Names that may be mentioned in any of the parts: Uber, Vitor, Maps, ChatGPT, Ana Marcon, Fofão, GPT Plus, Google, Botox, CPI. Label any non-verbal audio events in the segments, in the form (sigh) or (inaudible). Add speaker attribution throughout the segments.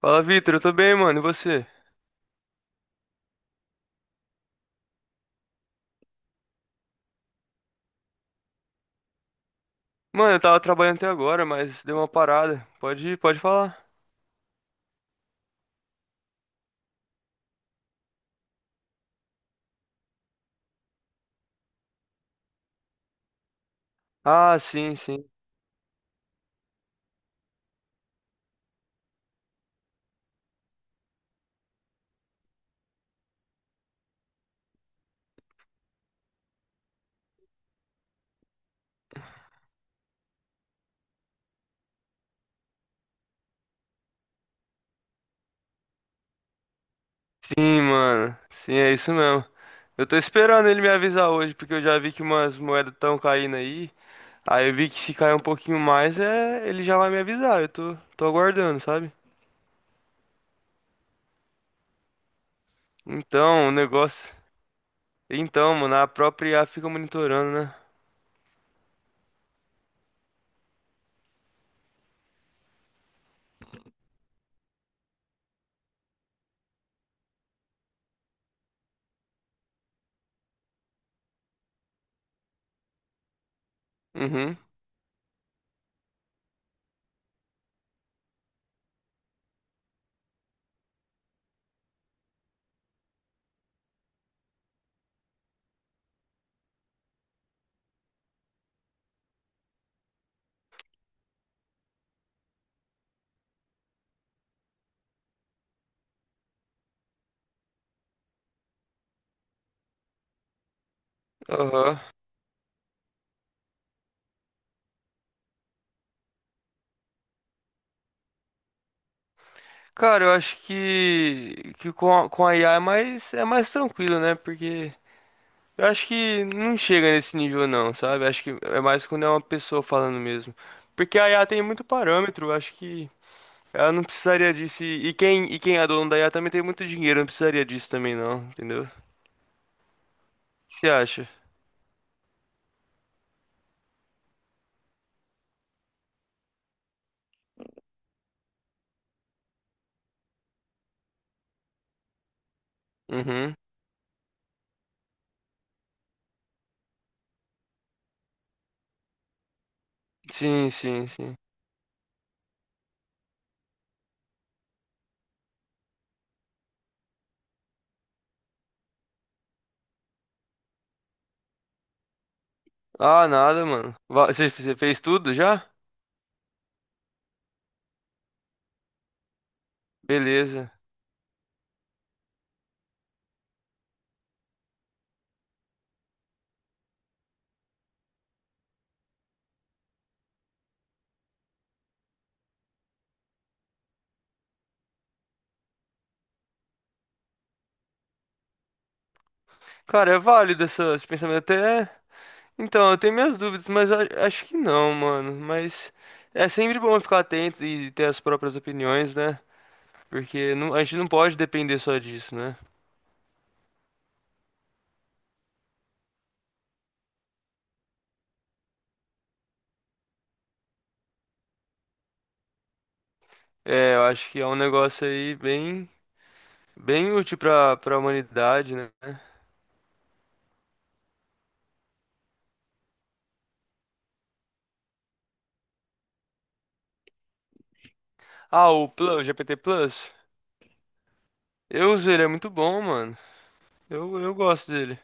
Speaker 1: Fala, Vitor, eu tô bem, mano, e você? Mano, eu tava trabalhando até agora, mas deu uma parada. Pode ir, pode falar. Ah, sim, sim. Sim, mano. Sim, é isso mesmo. Eu tô esperando ele me avisar hoje, porque eu já vi que umas moedas tão caindo aí. Aí eu vi que se cair um pouquinho mais, ele já vai me avisar. Eu tô aguardando, sabe? Então, o negócio. Então, mano, a própria IA fica monitorando, né? Uhum. Aham. Cara, eu acho que, que com a IA é mais tranquilo, né? Porque eu acho que não chega nesse nível não, sabe? Acho que é mais quando é uma pessoa falando mesmo. Porque a IA tem muito parâmetro, acho que ela não precisaria disso. E quem é dono da IA também tem muito dinheiro, não precisaria disso também não, entendeu? O que você acha? Uhum. Sim, sim, sim. Ah, nada, mano. Você fez tudo já? Beleza. Cara, é válido esse pensamento até. Então, eu tenho minhas dúvidas, mas acho que não, mano. Mas é sempre bom ficar atento e ter as próprias opiniões, né? Porque a gente não pode depender só disso, né? É, eu acho que é um negócio aí bem, bem útil pra humanidade, né? Ah, o Plus, o GPT Plus. Eu uso ele, é muito bom, mano. Eu gosto dele.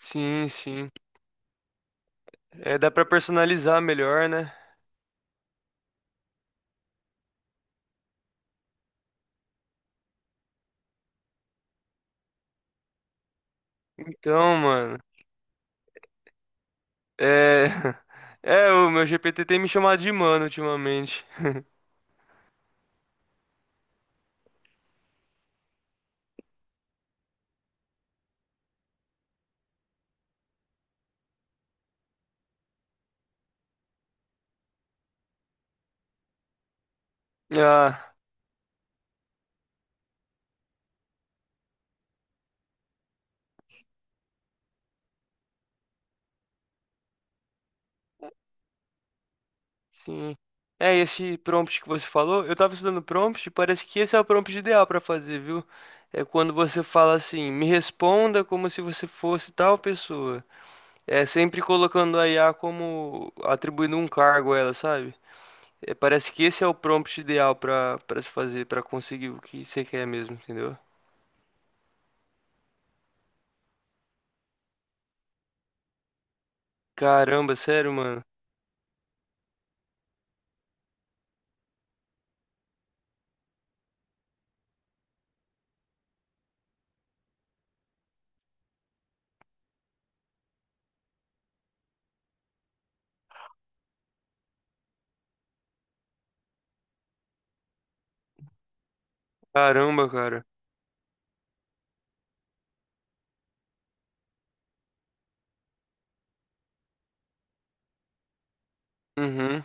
Speaker 1: Sim, sim. É, dá pra personalizar melhor, né? Então, mano. É. (laughs) É, o meu GPT tem me chamado de mano ultimamente. Ah. Sim. É, esse prompt que você falou, eu tava estudando prompt e parece que esse é o prompt ideal pra fazer, viu? É quando você fala assim, me responda como se você fosse tal pessoa. É sempre colocando a IA como atribuindo um cargo a ela, sabe? É, parece que esse é o prompt ideal pra para se fazer, pra conseguir o que você quer mesmo, entendeu? Caramba, sério, mano. Caramba, cara. Uhum.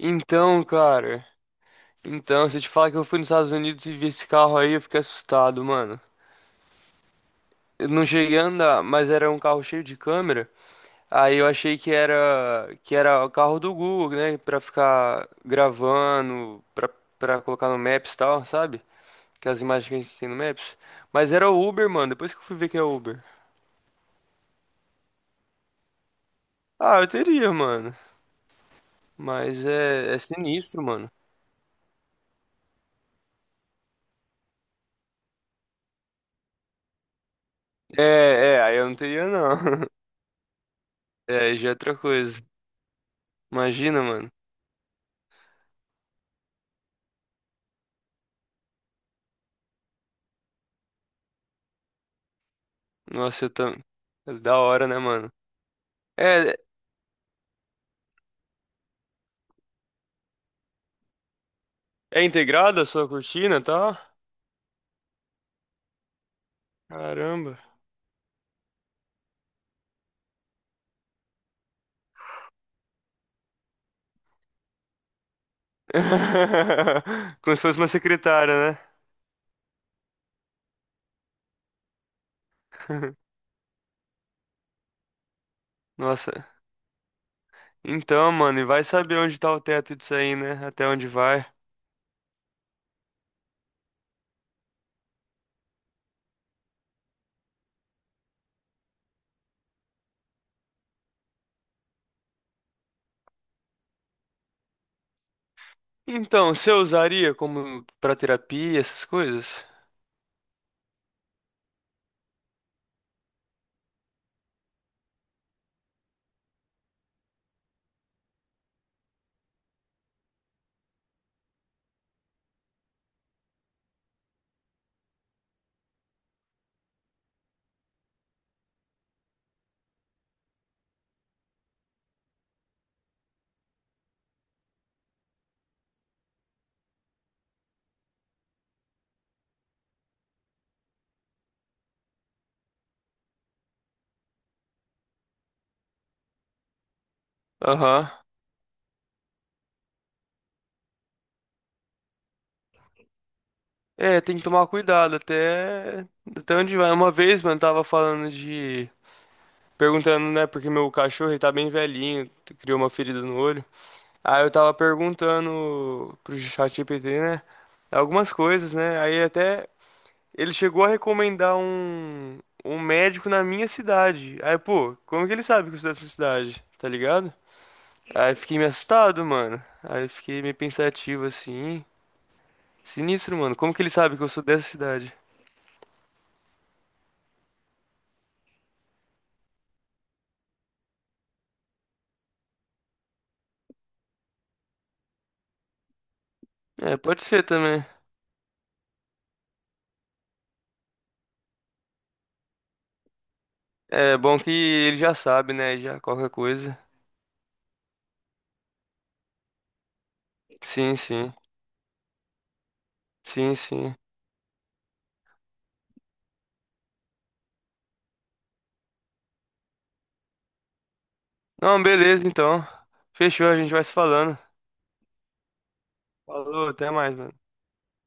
Speaker 1: Então, cara. Então, se eu te falar que eu fui nos Estados Unidos e vi esse carro aí, eu fiquei assustado, mano. Eu não cheguei a andar, mas era um carro cheio de câmera. Aí eu achei que era o carro do Google, né, pra ficar gravando, pra para colocar no Maps e tal, sabe? Que as imagens que a gente tem no Maps. Mas era o Uber, mano. Depois que eu fui ver que é Uber. Ah, eu teria, mano. Mas é, é sinistro, mano. É, aí eu não teria não. (laughs) É, aí já é outra coisa. Imagina, mano. Nossa, eu tô... Da hora, né, mano? É, é integrada a sua cortina, tá? Caramba. (laughs) Como se fosse uma secretária, né? (laughs) Nossa. Então, mano, e vai saber onde tá o teto disso aí, né? Até onde vai. Então, você usaria como pra terapia, essas coisas? Aham. É, tem que tomar cuidado até até onde vai. Uma vez, mano, tava falando de perguntando, né, porque meu cachorro ele tá bem velhinho, criou uma ferida no olho. Aí eu tava perguntando pro ChatGPT, né, algumas coisas, né? Aí até ele chegou a recomendar um, um médico na minha cidade. Aí, pô, como que ele sabe que eu sou dessa cidade? Tá ligado? Aí fiquei meio assustado, mano. Aí fiquei meio pensativo assim. Sinistro, mano. Como que ele sabe que eu sou dessa cidade? É, pode ser também. É bom que ele já sabe, né? Já qualquer coisa. Sim, sim. Sim, sim. Não, beleza, então. Fechou, a gente vai se falando. Falou, até mais, mano.